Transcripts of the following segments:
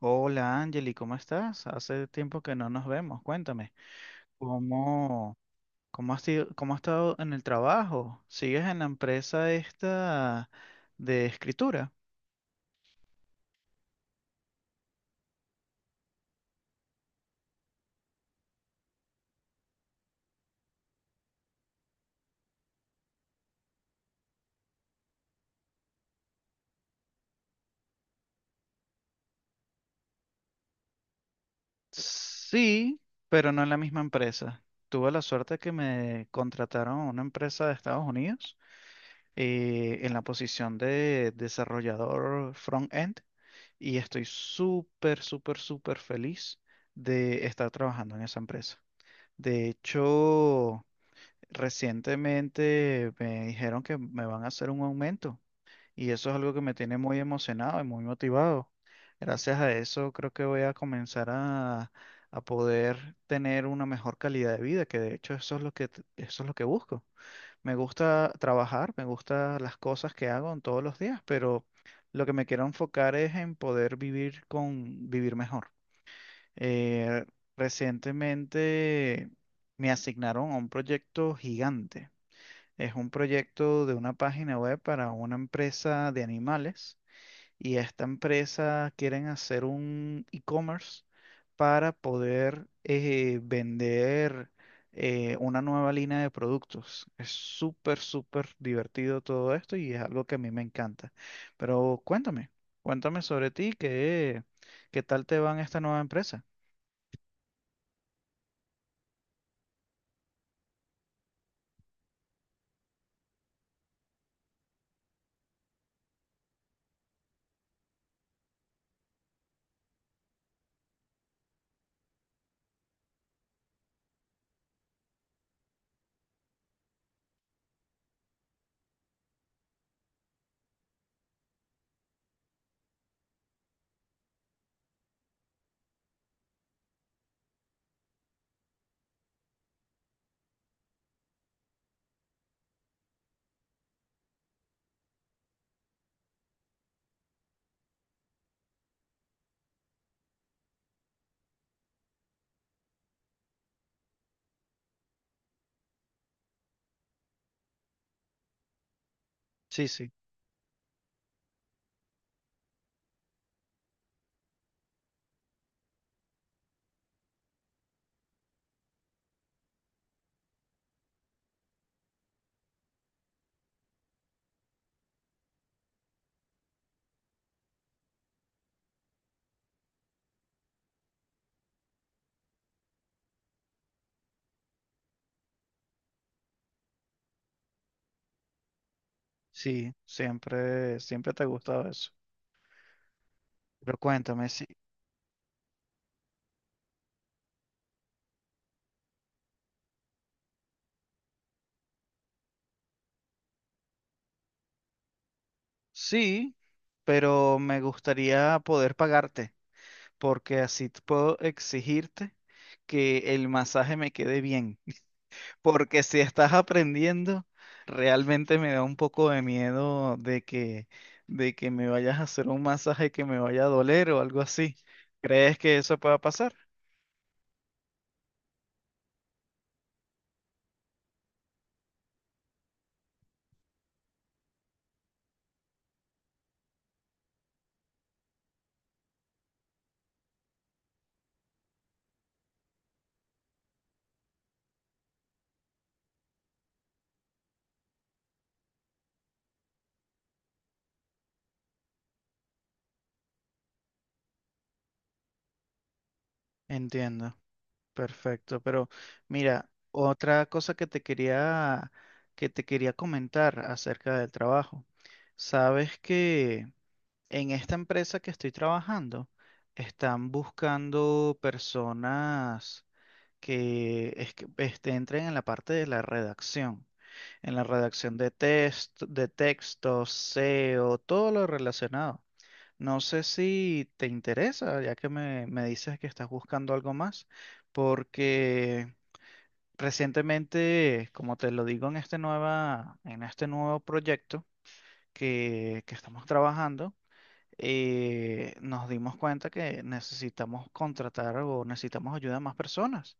Hola Angeli, ¿cómo estás? Hace tiempo que no nos vemos. Cuéntame, ¿cómo, cómo has estado en el trabajo? ¿Sigues en la empresa esta de escritura? Sí, pero no en la misma empresa. Tuve la suerte que me contrataron a una empresa de Estados Unidos en la posición de desarrollador front-end y estoy súper, súper, súper feliz de estar trabajando en esa empresa. De hecho, recientemente me dijeron que me van a hacer un aumento y eso es algo que me tiene muy emocionado y muy motivado. Gracias a eso creo que voy a comenzar a poder tener una mejor calidad de vida, que de hecho eso es lo que, eso es lo que busco. Me gusta trabajar, me gustan las cosas que hago en todos los días, pero lo que me quiero enfocar es en poder vivir vivir mejor. Eh, Recientemente me asignaron a un proyecto gigante, es un proyecto de una página web para una empresa de animales y esta empresa quieren hacer un e-commerce para poder vender una nueva línea de productos. Es súper, súper divertido todo esto y es algo que a mí me encanta. Pero cuéntame, cuéntame sobre ti, ¿ qué tal te va en esta nueva empresa? Sí, sí, sí, siempre, siempre te ha gustado eso. Pero cuéntame, sí. Sí, pero me gustaría poder pagarte, porque así puedo exigirte que el masaje me quede bien. Porque si estás aprendiendo, realmente me da un poco de miedo de que me vayas a hacer un masaje que me vaya a doler o algo así. ¿Crees que eso pueda pasar? Entiendo, perfecto. Pero mira, otra cosa que te quería comentar acerca del trabajo. Sabes que en esta empresa que estoy trabajando, están buscando personas que entren en la parte de la redacción, en la redacción de test, de textos, SEO, todo lo relacionado. No sé si te interesa, ya que me dices que estás buscando algo más, porque recientemente, como te lo digo en en este nuevo proyecto que estamos trabajando, nos dimos cuenta que necesitamos contratar o necesitamos ayuda a más personas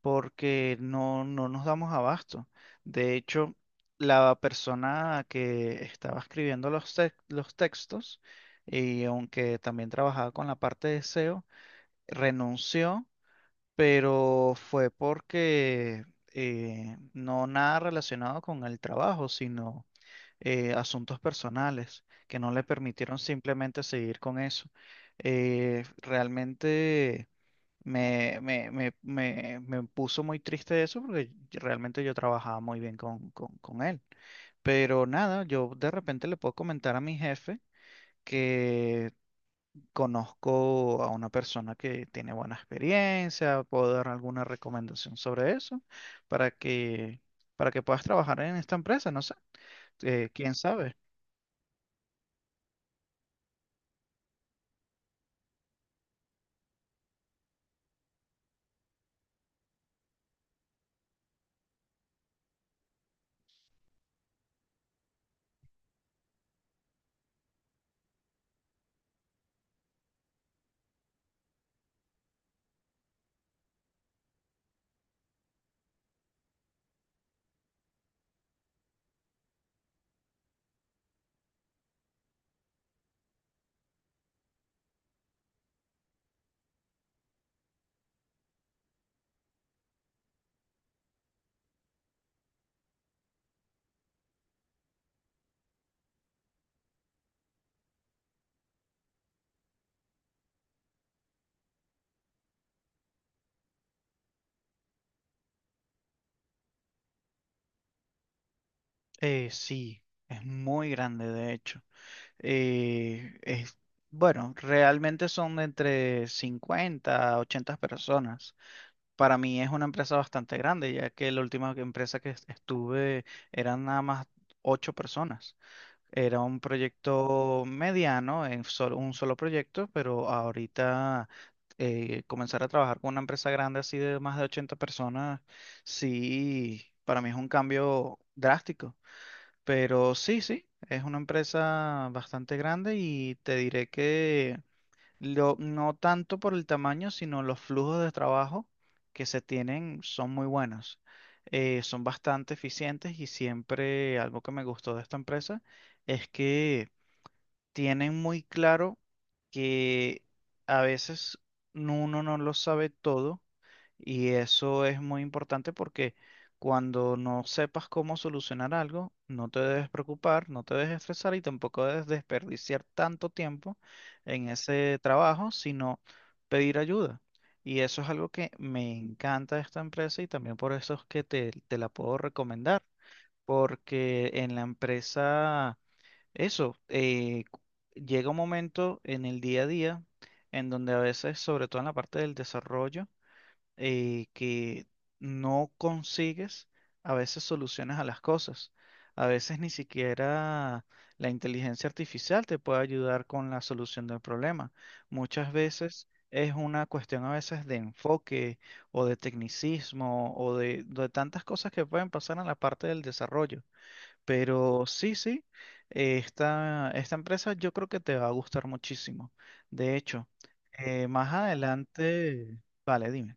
porque no nos damos abasto. De hecho, la persona que estaba escribiendo los textos y aunque también trabajaba con la parte de SEO, renunció, pero fue porque no, nada relacionado con el trabajo, sino asuntos personales que no le permitieron simplemente seguir con eso. Realmente me puso muy triste eso porque realmente yo trabajaba muy bien con él. Pero nada, yo de repente le puedo comentar a mi jefe que conozco a una persona que tiene buena experiencia, puedo dar alguna recomendación sobre eso para que, para que puedas trabajar en esta empresa, no sé, quién sabe. Sí, es muy grande de hecho. Eh, es, bueno, realmente son de entre 50 a 80 personas. Para mí es una empresa bastante grande, ya que la última empresa que estuve eran nada más 8 personas. Era un proyecto mediano, un solo proyecto, pero ahorita comenzar a trabajar con una empresa grande así de más de 80 personas, sí, para mí es un cambio drástico. Pero sí, sí, es una empresa bastante grande y te diré que no tanto por el tamaño, sino los flujos de trabajo que se tienen son muy buenos. Son bastante eficientes y siempre algo que me gustó de esta empresa es que tienen muy claro que a veces uno no lo sabe todo, y eso es muy importante porque cuando no sepas cómo solucionar algo, no te debes preocupar, no te debes estresar y tampoco debes desperdiciar tanto tiempo en ese trabajo, sino pedir ayuda. Y eso es algo que me encanta de esta empresa y también por eso es que te la puedo recomendar, porque en la empresa eso, llega un momento en el día a día en donde a veces, sobre todo en la parte del desarrollo, que no consigues a veces soluciones a las cosas. A veces ni siquiera la inteligencia artificial te puede ayudar con la solución del problema. Muchas veces es una cuestión a veces de enfoque o de tecnicismo de tantas cosas que pueden pasar en la parte del desarrollo. Pero sí, sí, esta empresa yo creo que te va a gustar muchísimo. De hecho, más adelante, vale, dime.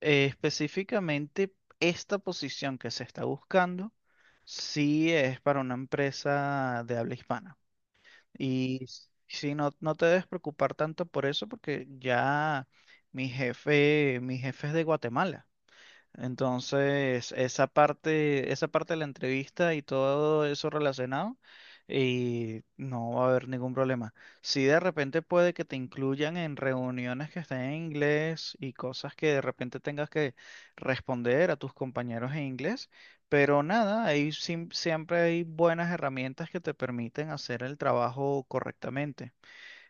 Específicamente, esta posición que se está buscando, sí es para una empresa de habla hispana. Sí, no, no te debes preocupar tanto por eso porque ya mi jefe es de Guatemala. Entonces, esa parte de la entrevista y todo eso relacionado, y no va a haber ningún problema. Si de repente puede que te incluyan en reuniones que estén en inglés y cosas que de repente tengas que responder a tus compañeros en inglés, pero nada, ahí siempre hay buenas herramientas que te permiten hacer el trabajo correctamente.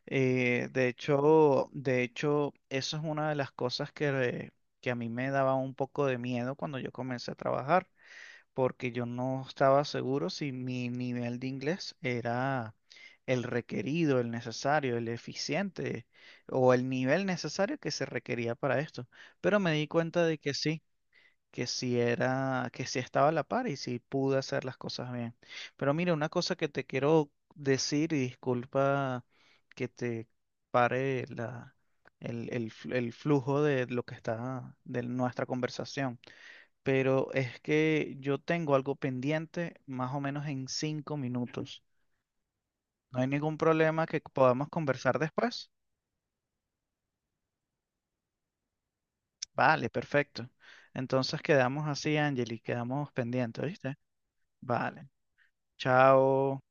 De hecho, eso es una de las cosas que a mí me daba un poco de miedo cuando yo comencé a trabajar, porque yo no estaba seguro si mi nivel de inglés era el requerido, el necesario, el eficiente o el nivel necesario que se requería para esto. Pero me di cuenta de que sí, que si estaba a la par y si pude hacer las cosas bien. Pero mira, una cosa que te quiero decir, y disculpa que te pare la, el fl- el flujo de lo de nuestra conversación, pero es que yo tengo algo pendiente más o menos en 5 minutos. No hay ningún problema que podamos conversar después. Vale, perfecto. Entonces quedamos así, Angeli, quedamos pendientes, ¿viste? Vale. Chao.